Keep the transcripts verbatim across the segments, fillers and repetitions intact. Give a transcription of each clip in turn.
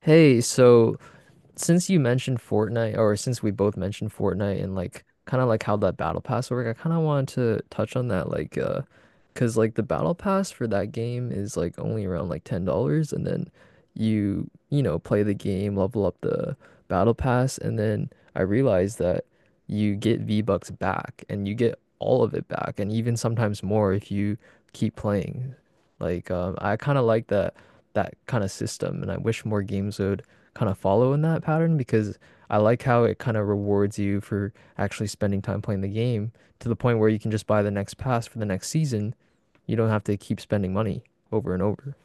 Hey, so since you mentioned Fortnite, or since we both mentioned Fortnite and like kind of like how that battle pass work, I kind of wanted to touch on that, like, uh, because like the battle pass for that game is like only around like ten dollars, and then you you know play the game, level up the battle pass, and then I realized that you get V-Bucks back, and you get all of it back, and even sometimes more if you keep playing. Like, um, I kind of like that that kind of system, and I wish more games would kind of follow in that pattern because I like how it kind of rewards you for actually spending time playing the game to the point where you can just buy the next pass for the next season. You don't have to keep spending money over and over.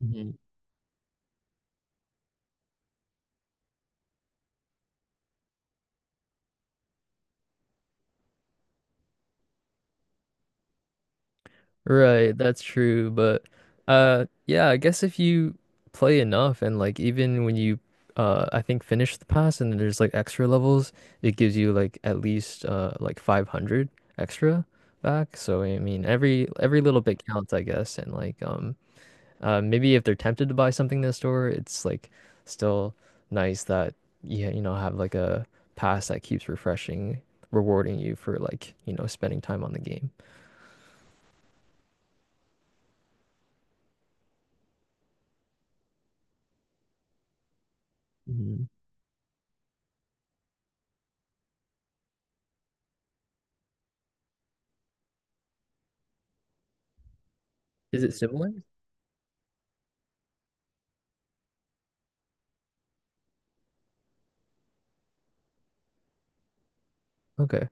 Mhm. Right, that's true, but uh yeah, I guess if you play enough and like even when you uh I think finish the pass and then there's like extra levels, it gives you like at least uh like five hundred extra back. So I mean every every little bit counts, I guess, and like um uh maybe if they're tempted to buy something in the store, it's like still nice that you you know have like a pass that keeps refreshing, rewarding you for like, you know, spending time on the game. Mhm. Is it similar? Okay.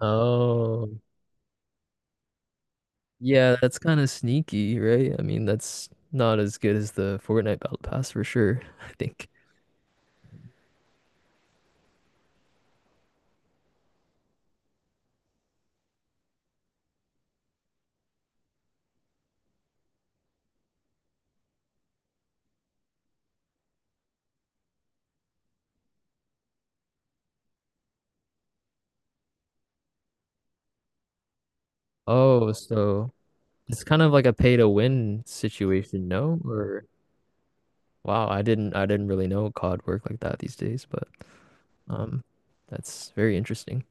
Oh, yeah, that's kind of sneaky, right? I mean, that's not as good as the Fortnite Battle Pass for sure, I think. Oh, so it's kind of like a pay to win situation, no? Or wow, I didn't I didn't really know C O D worked like that these days, but um that's very interesting.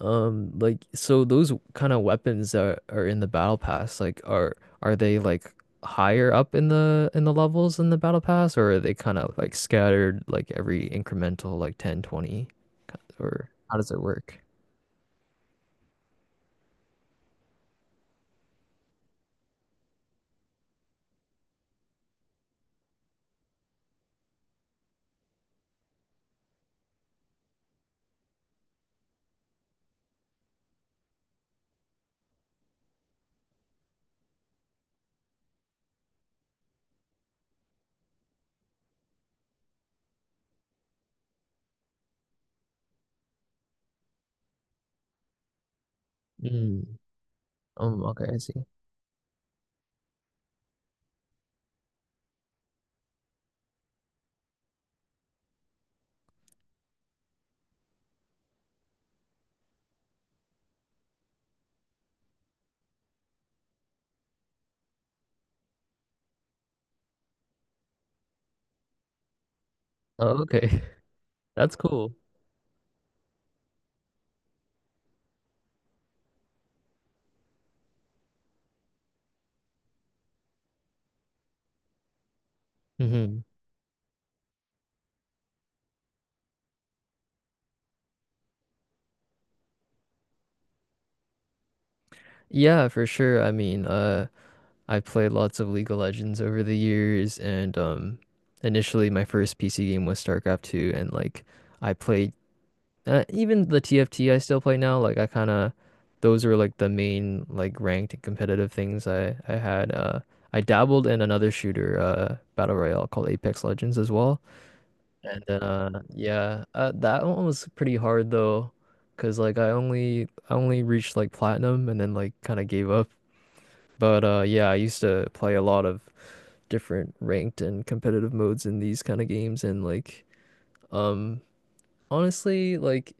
Um, like so those kind of weapons that are in the battle pass, like are are they like higher up in the in the levels in the battle pass or are they kind of like scattered like every incremental like ten, twenty, kind of- or how does it work? Mm. Um, okay, I see. Oh, okay. That's cool. Hmm. Yeah, for sure. I mean, uh I played lots of League of Legends over the years, and um initially my first P C game was StarCraft two, and like I played. Uh, even the T F T I still play now, like I kind of those are like the main like ranked and competitive things I I had. Uh, I dabbled in another shooter, uh, battle royale called Apex Legends as well, and then uh, yeah, uh, that one was pretty hard though, cause like I only I only reached like platinum and then like kind of gave up. But uh, yeah, I used to play a lot of different ranked and competitive modes in these kind of games, and like um honestly, like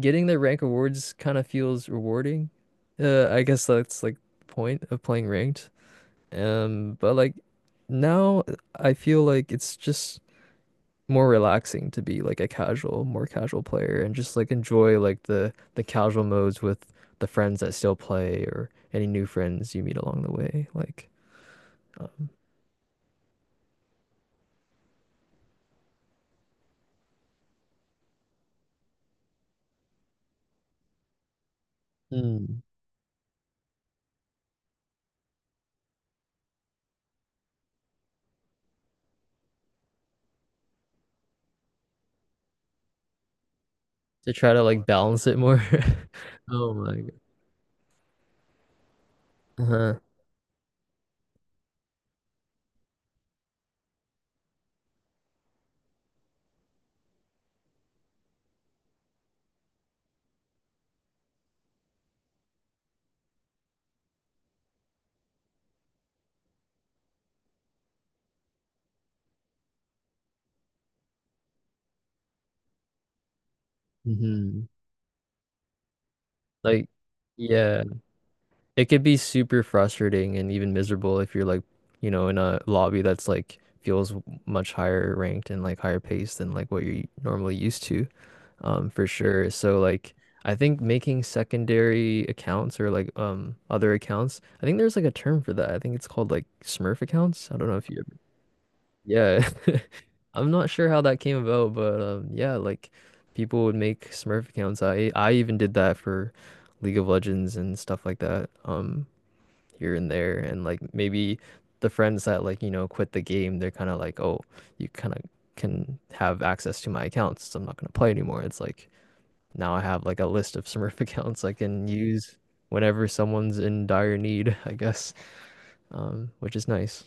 getting the rank awards kind of feels rewarding. Uh, I guess that's like the point of playing ranked. Um, but like now I feel like it's just more relaxing to be like a casual, more casual player and just like enjoy like the the casual modes with the friends that still play or any new friends you meet along the way. Like, um, Mm. To try to like balance it more. Oh my God. Uh-huh. Hmm. Like, yeah. It could be super frustrating and even miserable if you're like, you know, in a lobby that's like feels much higher ranked and like higher paced than like what you're normally used to, um, for sure. So like I think making secondary accounts or like um other accounts, I think there's like a term for that. I think it's called like Smurf accounts. I don't know if you ever, yeah. I'm not sure how that came about, but um yeah, like people would make Smurf accounts. I I even did that for League of Legends and stuff like that. Um here and there, and like maybe the friends that like you know quit the game, they're kind of like, oh, you kind of can have access to my accounts, so I'm not going to play anymore. It's like now I have like a list of Smurf accounts I can use whenever someone's in dire need. I guess, um which is nice.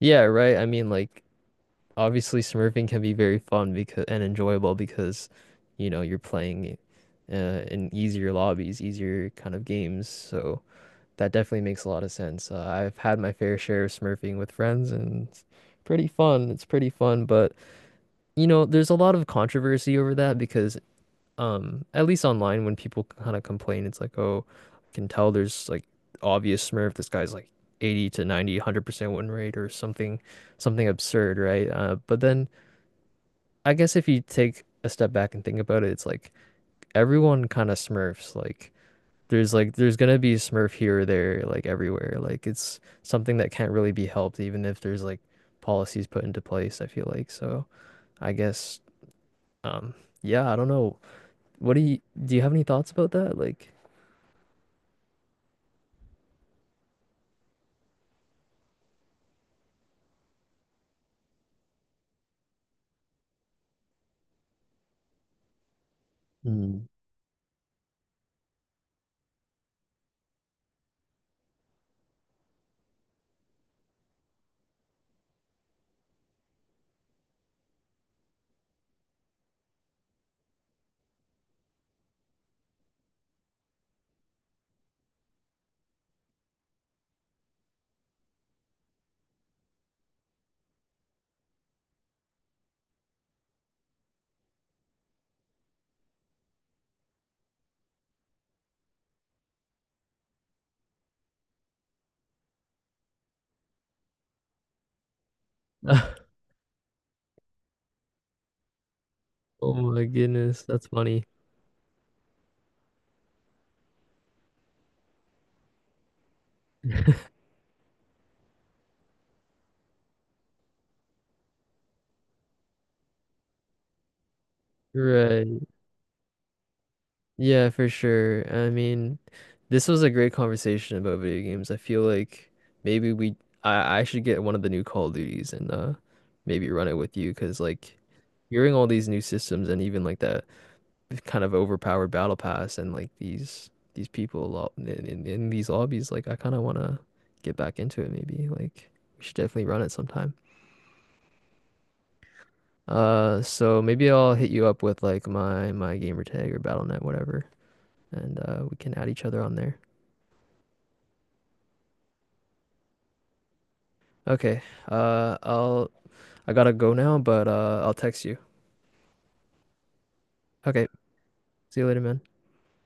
Yeah, right, I mean like obviously Smurfing can be very fun because and enjoyable because you know you're playing uh, in easier lobbies, easier kind of games, so that definitely makes a lot of sense. Uh, I've had my fair share of smurfing with friends, and it's pretty fun. It's pretty fun, but you know, there's a lot of controversy over that because, um, at least online, when people kind of complain, it's like, oh, I can tell there's like obvious smurf. This guy's like eighty to ninety, one hundred percent win rate or something, something absurd, right? Uh, but then I guess if you take a step back and think about it, it's like everyone kind of smurfs, like there's like there's gonna be Smurf here or there, like everywhere. Like it's something that can't really be helped, even if there's like policies put into place, I feel like. So I guess um yeah, I don't know. What do you do you have any thoughts about that? Like Mm. Oh my goodness, that's funny. Right. Yeah, for sure. I mean, this was a great conversation about video games. I feel like maybe we I I should get one of the new Call of Duties and uh maybe run it with you because like hearing all these new systems and even like that kind of overpowered battle pass and like these these people lo- in, in, in these lobbies like I kind of want to get back into it maybe like we should definitely run it sometime. Uh so maybe I'll hit you up with like my my gamer tag or battle dot net, whatever, and uh we can add each other on there. Okay. Uh, I'll I gotta go now, but uh, I'll text you. Okay. See you later, man.